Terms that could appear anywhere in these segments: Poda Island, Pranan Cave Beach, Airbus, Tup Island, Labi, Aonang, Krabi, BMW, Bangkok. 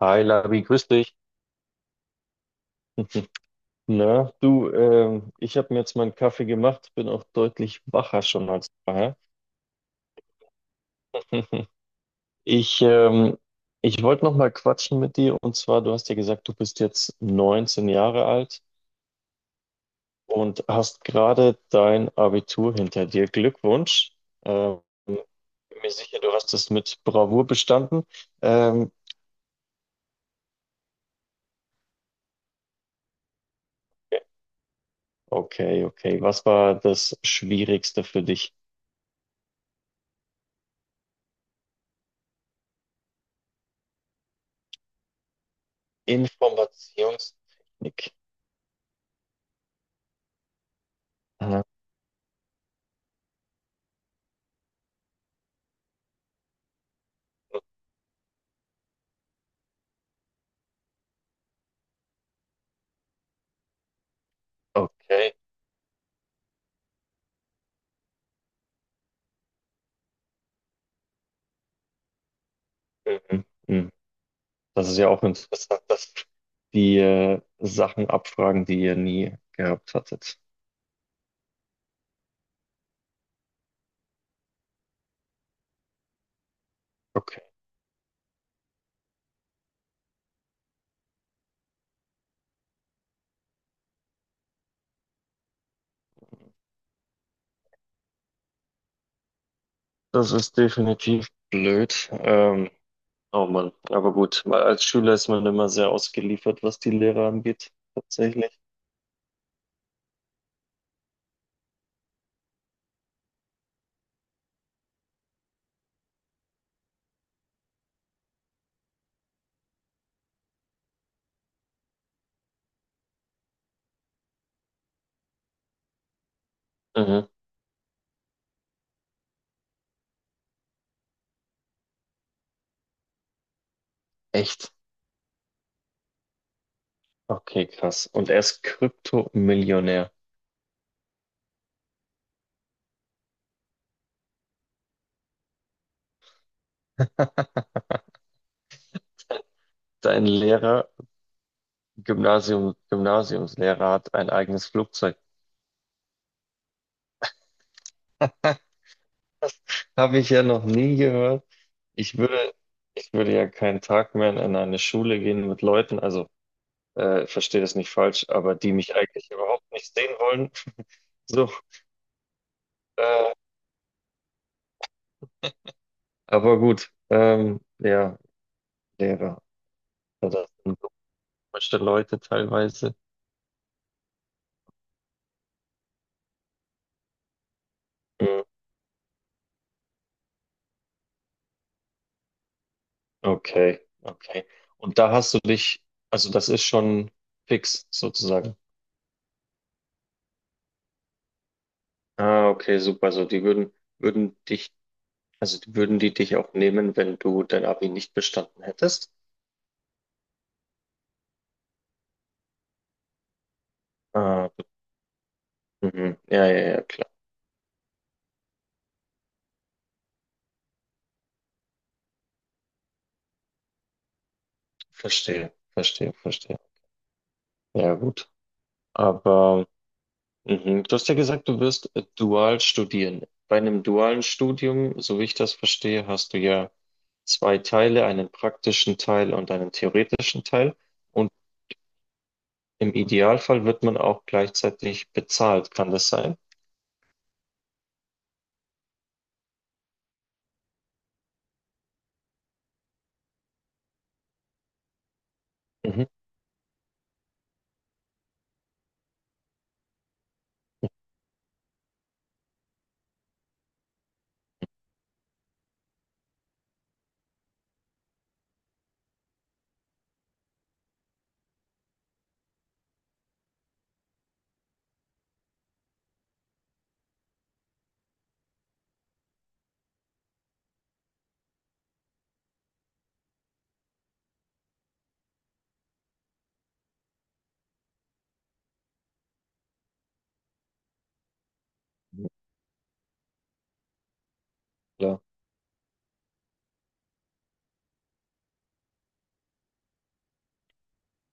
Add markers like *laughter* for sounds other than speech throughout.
Hi Labi, grüß dich. *laughs* Na, du, ich habe mir jetzt meinen Kaffee gemacht, bin auch deutlich wacher schon als vorher. *laughs* Ich, ähm, ich wollte noch mal quatschen mit dir und zwar, du hast ja gesagt, du bist jetzt 19 Jahre alt und hast gerade dein Abitur hinter dir. Glückwunsch. Bin mir sicher, du hast es mit Bravour bestanden. Ähm, okay, okay. Was war das Schwierigste für dich? Informationstechnik. Aha. Okay. Mhm. Mhm. Das ist ja auch interessant, dass die Sachen abfragen, die ihr nie gehabt hattet. Okay. Das ist definitiv blöd. Oh Mann, aber gut. Weil als Schüler ist man immer sehr ausgeliefert, was die Lehrer angeht, tatsächlich. Mhm. Echt? Okay, krass. Und er ist Kryptomillionär. *laughs* Dein Lehrer, Gymnasium, Gymnasiumslehrer hat ein eigenes Flugzeug. *laughs* Das habe ich ja noch nie gehört. Ich würde, ich würde ja keinen Tag mehr in eine Schule gehen mit Leuten, also verstehe das nicht falsch, aber die mich eigentlich überhaupt nicht sehen wollen. So, äh, aber gut, ja, Lehrer, ja, das sind so komische Leute teilweise. Mhm. Okay, okay. Und da hast du dich, also das ist schon fix sozusagen. Ah, okay, super. So, die würden dich, also die würden die dich auch nehmen, wenn du dein Abi nicht bestanden hättest? Ah, mhm. Ja, ja, ja, klar. Verstehe, verstehe, verstehe. Ja, gut. Aber mhm. Du hast ja gesagt, du wirst dual studieren. Bei einem dualen Studium, so wie ich das verstehe, hast du ja zwei Teile, einen praktischen Teil und einen theoretischen Teil. Und im Idealfall wird man auch gleichzeitig bezahlt. Kann das sein? Mhm. Ja.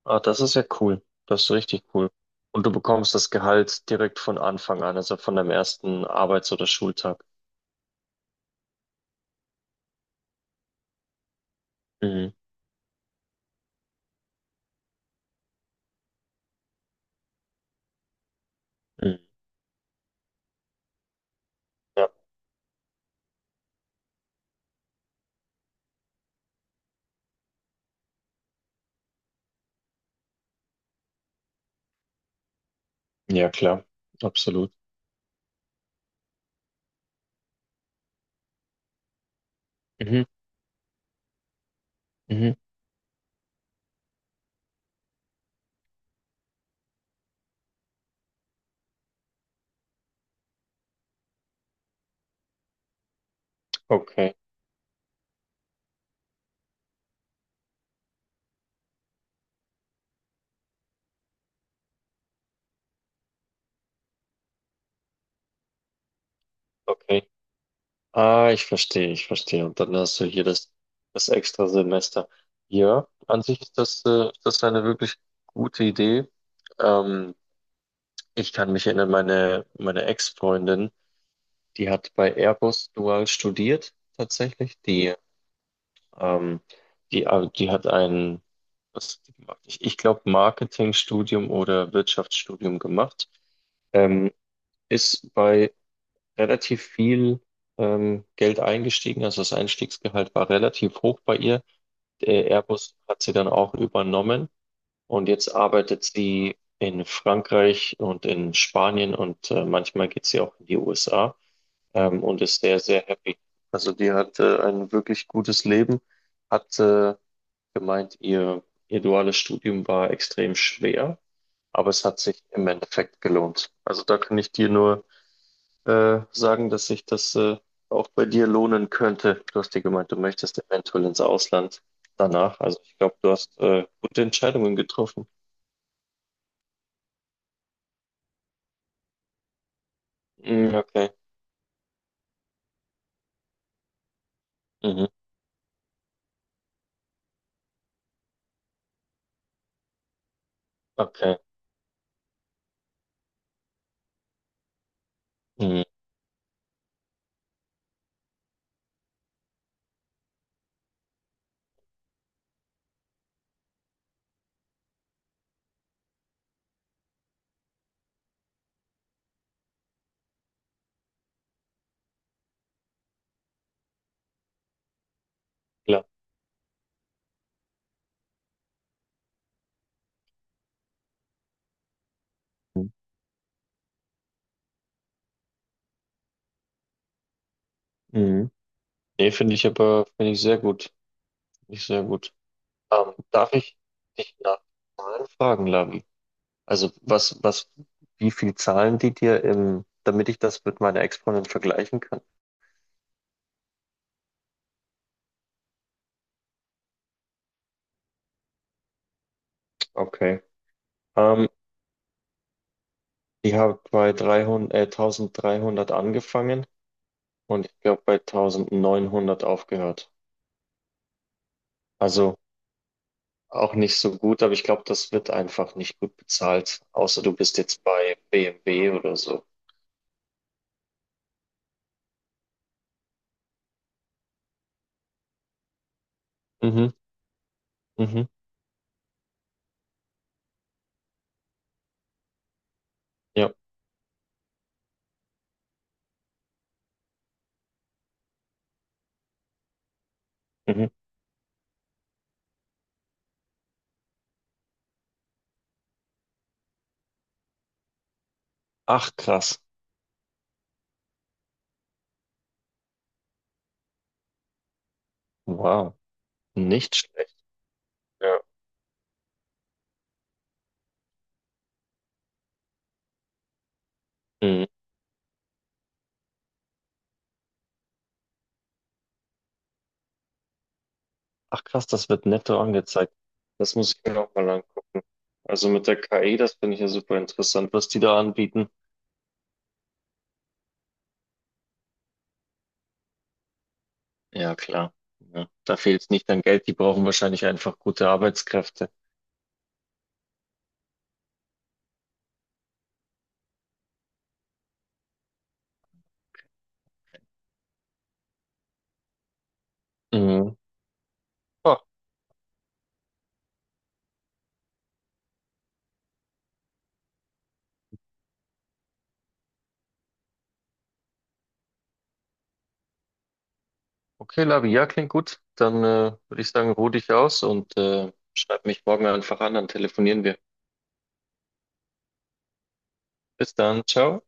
Ah, das ist ja cool. Das ist richtig cool. Und du bekommst das Gehalt direkt von Anfang an, also von deinem ersten Arbeits- oder Schultag. Mhm. Mhm. Ja, klar, absolut. Mhm, mhm. Okay, okay. Ah, ich verstehe, ich verstehe. Und dann hast du hier das extra Semester. Ja, an sich ist das eine wirklich gute Idee. Ähm, ich kann mich erinnern, meine Ex-Freundin, die hat bei Airbus dual studiert, tatsächlich. Ähm, die hat ein, was, hat die gemacht? Ich glaube, Marketingstudium oder Wirtschaftsstudium gemacht. Ähm, ist bei relativ viel Geld eingestiegen. Also das Einstiegsgehalt war relativ hoch bei ihr. Der Airbus hat sie dann auch übernommen und jetzt arbeitet sie in Frankreich und in Spanien und manchmal geht sie auch in die USA und ist sehr, sehr happy. Also die hat ein wirklich gutes Leben, hat gemeint, ihr duales Studium war extrem schwer, aber es hat sich im Endeffekt gelohnt. Also da kann ich dir nur sagen, dass sich das auch bei dir lohnen könnte. Du hast dir gemeint, du möchtest eventuell ins Ausland danach. Also ich glaube, du hast gute Entscheidungen getroffen. Mm, okay. Mhm. Okay. Mhm. Klar. Mhm. Mhm. Nee, finde ich aber, finde ich sehr gut. Finde ich sehr gut. Darf ich dich nach Zahlen fragen, Lavi? Also wie viel zahlen die dir im, damit ich das mit meiner Ex-Freundin vergleichen kann? Okay. Ähm, ich habe bei 300 1300 angefangen und ich glaube bei 1900 aufgehört. Also auch nicht so gut, aber ich glaube, das wird einfach nicht gut bezahlt, außer du bist jetzt bei BMW oder so. Mhm, mhm, ja, mhm. Ach krass, wow, nicht schlecht. Ja. Mhm. Ach krass, das wird netto angezeigt. Das muss ich mir auch mal angucken. Also mit der KI, das finde ich ja super interessant, was die da anbieten. Ja, klar. Ja. Da fehlt es nicht an Geld. Die brauchen wahrscheinlich einfach gute Arbeitskräfte. Mhm. Ah, okay, Labi, ja, klingt gut. Dann würde ich sagen, ruh dich aus und schreib mich morgen einfach an, dann telefonieren wir. Bis dann, ciao.